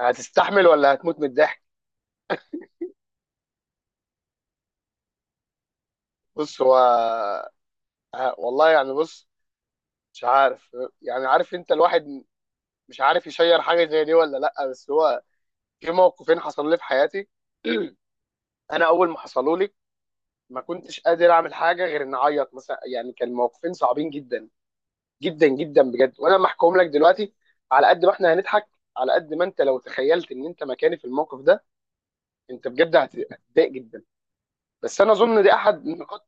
هتستحمل ولا هتموت من الضحك؟ بص، هو والله، يعني بص. مش عارف. يعني عارف انت الواحد مش عارف يشير حاجه زي دي ولا لا. بس هو في موقفين حصلوا لي في حياتي. انا اول ما حصلوا لي ما كنتش قادر اعمل حاجه غير ان اعيط، مثلا. يعني كان موقفين صعبين جدا جدا جدا، بجد. وانا لما احكيهم لك دلوقتي، على قد ما احنا هنضحك، على قد ما انت لو تخيلت ان انت مكاني في الموقف ده انت بجد هتضايق جدا بدا. بس انا اظن دي احد النقاط.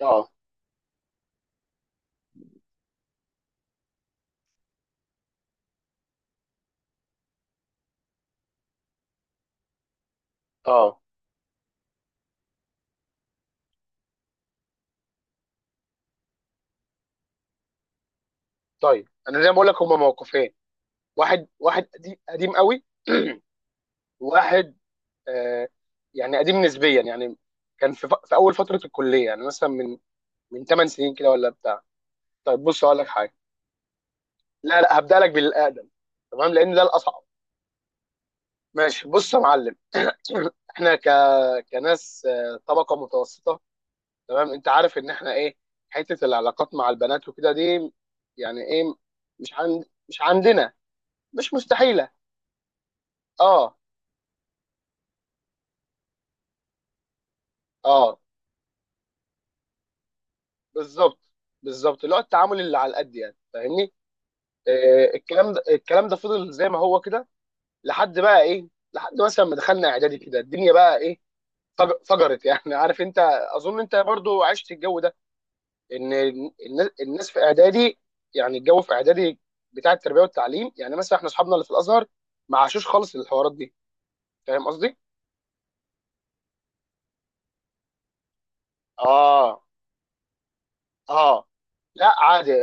اه، اه، طيب انا زي ما بقول لك هما موقفين. واحد واحد قديم قديم قوي واحد، آه يعني قديم نسبيا يعني. كان في اول فتره الكليه، يعني مثلا من 8 سنين كده ولا بتاع. طيب بص اقول لك حاجه. لا لا، هبدا لك بالاقدم، تمام، لان ده الاصعب. ماشي، بص يا معلم. احنا كناس، طبقه متوسطه، تمام. انت عارف ان احنا ايه، حته العلاقات مع البنات وكده دي يعني ايه؟ مش عندنا. مش مستحيله. اه، اه، بالظبط. بالظبط، اللي هو التعامل اللي على القد. يعني فاهمني. الكلام ده الكلام ده فضل زي ما هو كده لحد بقى ايه، لحد مثلا ما دخلنا اعدادي كده الدنيا بقى ايه، فجرت، يعني. عارف انت. اظن انت برضو عشت الجو ده. ان الناس في اعدادي، يعني الجو في اعدادي بتاع التربيه والتعليم، يعني مثلا احنا اصحابنا اللي في الازهر ما عاشوش خالص الحوارات دي. فاهم قصدي؟ اه، اه، لا عادي.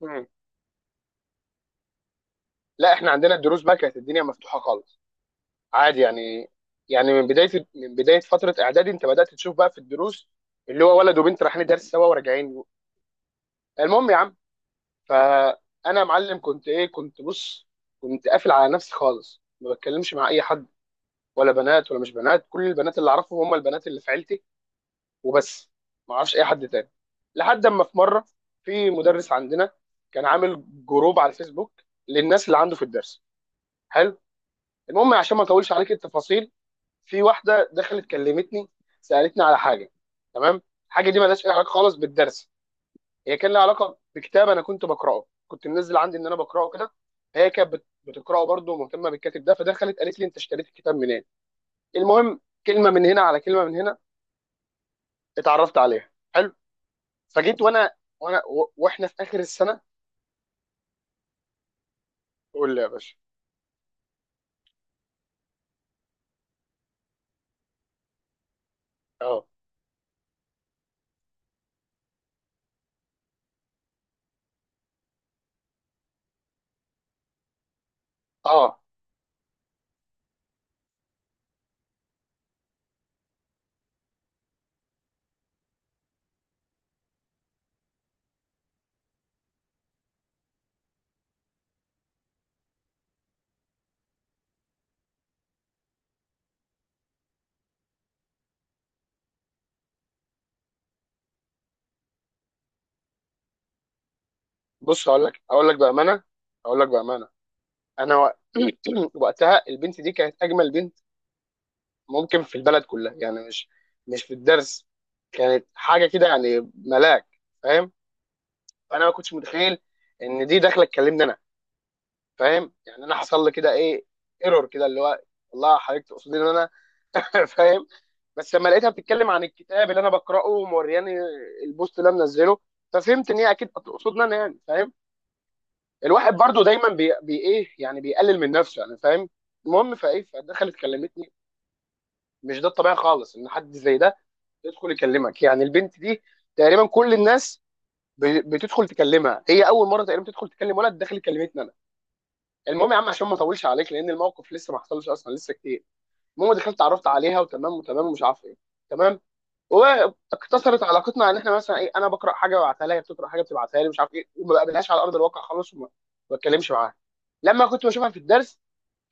مم. لا، احنا عندنا الدروس بقى كانت الدنيا مفتوحه خالص، عادي يعني. يعني من بدايه فتره اعدادي انت بدات تشوف بقى في الدروس اللي هو ولد وبنت رايحين درس سوا وراجعين. المهم يا عم، فانا يا معلم كنت ايه، كنت، بص كنت قافل على نفسي خالص، ما بتكلمش مع اي حد، ولا بنات ولا مش بنات. كل البنات اللي اعرفهم هم البنات اللي في عيلتي وبس. ما اعرفش اي حد تاني لحد اما في مره في مدرس عندنا كان عامل جروب على الفيسبوك للناس اللي عنده في الدرس. حلو. المهم، عشان ما اطولش عليك التفاصيل، في واحده دخلت كلمتني، سالتني على حاجه. تمام. الحاجه دي مالهاش اي علاقه خالص بالدرس. هي كان لها علاقه بكتاب انا كنت بقراه، كنت منزل عندي ان انا بقراه كده. هي كانت بتقراه برضه، ومهتمه بالكاتب ده، فدخلت قالت لي انت اشتريت الكتاب منين. المهم، كلمه من هنا على كلمه من هنا اتعرفت عليها. حلو. فجيت وانا، واحنا في اخر السنه. قول لي يا باشا. اه، اه، بص هقول لك بامانه. هقول لك بامانه، انا وقتها البنت دي كانت اجمل بنت ممكن في البلد كلها، يعني مش مش في الدرس. كانت حاجه كده يعني، ملاك، فاهم. فانا ما كنتش متخيل ان دي داخله تكلمني انا. فاهم يعني؟ انا حصل لي كده ايه، ايرور كده، اللي هو والله حضرتك تقصدي ان انا؟ فاهم. بس لما لقيتها بتتكلم عن الكتاب اللي انا بقراه، ومورياني البوست اللي انا منزله، ففهمت ان هي اكيد تقصدنا انا، يعني فاهم. الواحد برضو دايما بي ايه يعني، بيقلل من نفسه، يعني فاهم. المهم فايه، فدخلت كلمتني. مش ده الطبيعي خالص، ان حد زي ده يدخل يكلمك، يعني البنت دي تقريبا كل الناس بتدخل تكلمها، هي اول مره تقريبا تدخل تكلم ولد، دخل كلمتني انا. المهم يا عم، عشان ما اطولش عليك، لان الموقف لسه ما حصلش اصلا، لسه كتير. المهم دخلت اتعرفت عليها، وتمام وتمام ومش عارف ايه. تمام. واقتصرت علاقتنا ان احنا مثلا ايه، انا بقرا حاجه ببعتها لها، هي بتقرا حاجه بتبعتها لي، مش عارف ايه. وما بقابلهاش على ارض الواقع خالص، ما بتكلمش معاها. لما كنت بشوفها في الدرس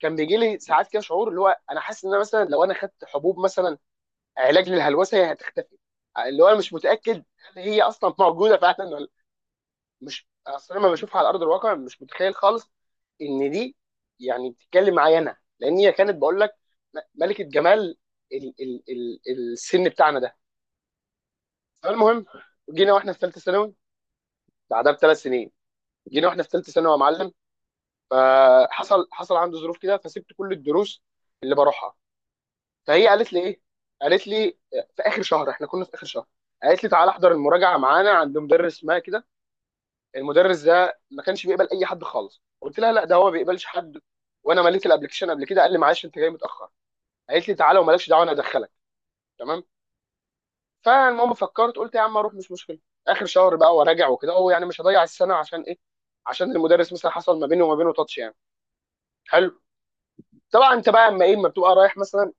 كان بيجي لي ساعات كده شعور اللي هو انا حاسس ان انا مثلا لو انا خدت حبوب مثلا، علاج للهلوسه، هي هتختفي. اللي هو انا مش متاكد هل هي اصلا موجوده فعلا ولا. مش اصل انا لما بشوفها على ارض الواقع مش متخيل خالص ان دي يعني بتتكلم معايا انا، لان هي كانت بقول لك ملكه جمال ال ال ال السن بتاعنا ده. فالمهم، جينا واحنا في ثالثه ثانوي، بعدها بثلاث سنين، جينا واحنا في ثالثه ثانوي، يا معلم، حصل عنده ظروف كده، فسبت كل الدروس اللي بروحها. فهي قالت لي ايه، قالت لي في اخر شهر، احنا كنا في اخر شهر، قالت لي تعالى احضر المراجعه معانا عند مدرس ما كده. المدرس ده ما كانش بيقبل اي حد خالص. قلت لها لا، ده هو ما بيقبلش حد، وانا مليت الابلكيشن قبل كده، قال لي معلش انت جاي متاخر. قالت لي تعالى ومالكش دعوه، انا ادخلك. تمام. فالمهم فكرت، قلت يا عم اروح، مش مشكله، اخر شهر بقى وراجع وكده، هو يعني مش هضيع السنه عشان ايه، عشان المدرس، مثلا حصل ما بينه وما بينه تاتش يعني. حلو. طبعا انت بقى اما ايه، اما بتبقى رايح مثلا.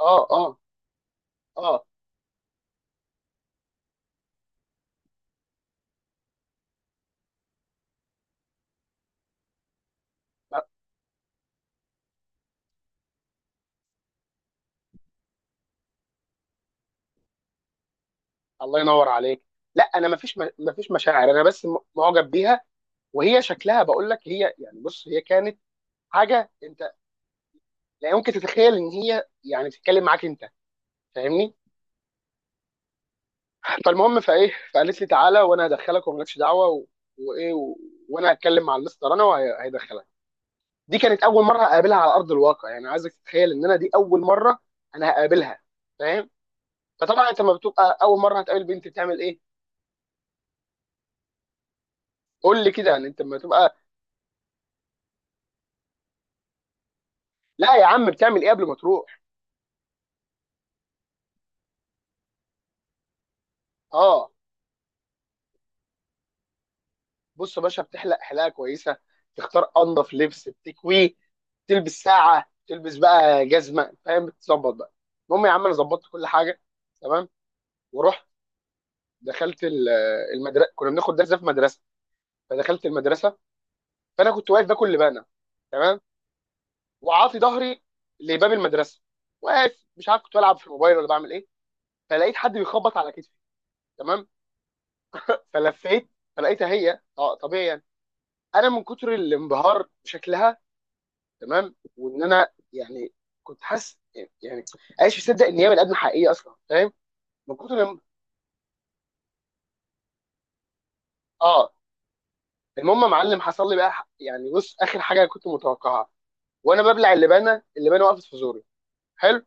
اه، اه، اه، الله ينور عليك. لا انا مفيش، مشاعر، انا بس معجب بيها. وهي شكلها، بقول لك هي يعني، بص هي كانت حاجه انت لا يمكن تتخيل ان هي يعني بتتكلم معاك انت. فاهمني. فالمهم فايه، فقالت لي تعالى وانا هدخلك، ومالكش دعوه، و... وايه، و... وانا هتكلم مع المستر انا وهيدخلك. دي كانت اول مره اقابلها على ارض الواقع، يعني عايزك تتخيل ان انا دي اول مره انا هقابلها، فاهم؟ فطبعا انت لما بتبقى اول مره هتقابل بنت بتعمل ايه؟ قول لي كده، يعني انت لما تبقى. لا يا عم، بتعمل ايه قبل ما تروح؟ اه. بص يا باشا، بتحلق حلاقه كويسه، تختار انضف لبس بتكويه، تلبس ساعه، تلبس بقى جزمه، فاهم، بتظبط بقى. المهم يا عم، انا ظبطت كل حاجه. تمام، ورحت، دخلت المدرسه، كنا بناخد درس ده في مدرسه، فدخلت المدرسه. فانا كنت واقف باكل لبانه، تمام، وعاطي ظهري لباب المدرسه، واقف، مش عارف كنت بلعب في الموبايل ولا بعمل ايه. فلقيت حد بيخبط على كتفي، تمام، فلفيت، فلقيتها هي، طبيعي يعني. انا من كتر الانبهار بشكلها، تمام، وان انا يعني كنت حاسس، يعني عايش مصدق ان هي من ادنى حقيقيه اصلا، فاهم، من كتر اه المهم يا معلم، حصل لي بقى يعني، بص، اخر حاجه كنت متوقعها، وانا ببلع اللبانه، اللبانه وقفت في زوري، حلو،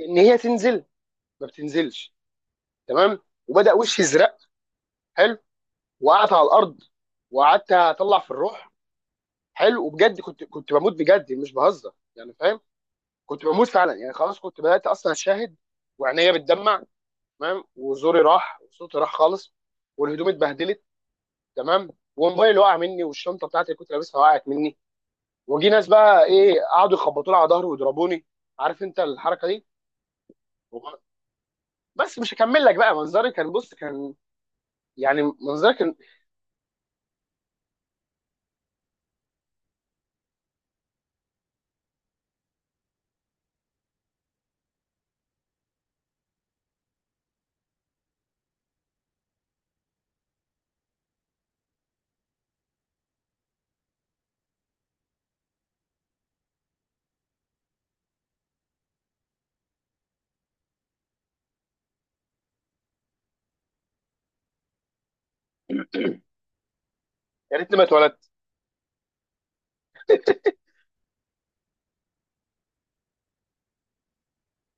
ان هي تنزل ما بتنزلش. تمام، وبدا وشي يزرق، حلو، وقعت على الارض وقعدت اطلع في الروح، حلو. وبجد كنت، بموت، بجد مش بهزر، يعني فاهم، كنت بموت فعلا يعني، خلاص كنت بدات اصلا اشاهد، وعينيا بتدمع، تمام، وزوري راح وصوتي راح خالص، والهدوم اتبهدلت، تمام، وموبايلي وقع مني، والشنطه بتاعتي اللي كنت لابسها وقعت مني، وجي ناس بقى ايه، قعدوا يخبطوا لي على ظهري ويضربوني. عارف انت الحركه دي. وب- بس مش هكمل لك بقى، منظري كان، بص كان، يعني منظري كان يا ريتني ما اتولدت.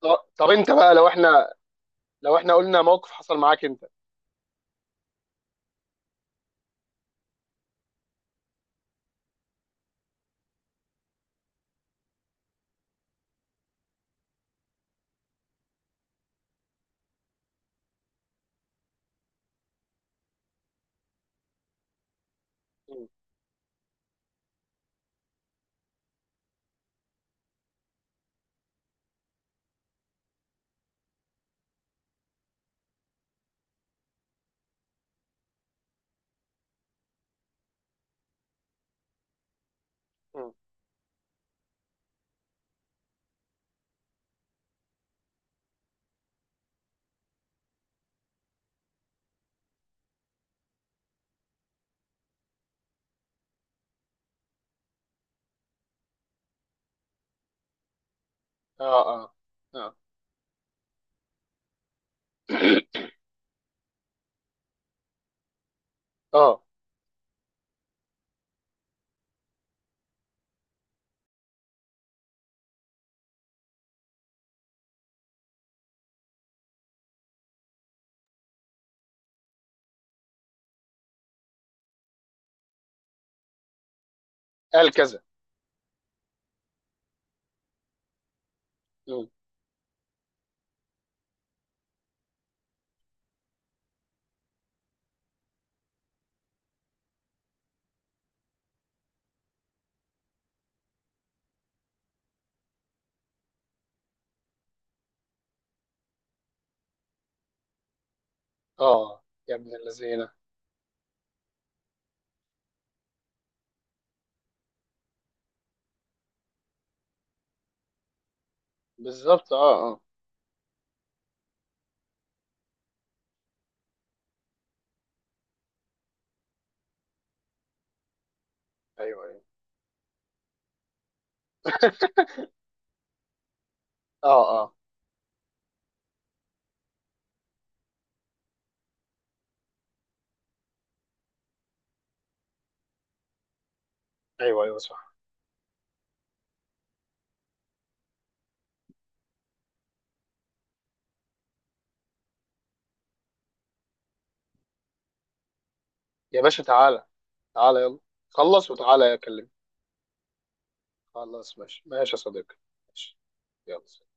طب، طب، انت بقى لو احنا، لو احنا قلنا موقف حصل معاك انت؟ م- م. اه، اه، اه، اه، قال كذا. م. اه، يا ابن اللذينه. بالظبط، اه، اه، ايوه، ايوه، اه، اه، ايوه، ايوه، صح. يا باشا تعالى، تعالى يلا، خلص وتعالى اكلمك. خلاص، ماشي ماشي يا صديقي. ماشي. يلا.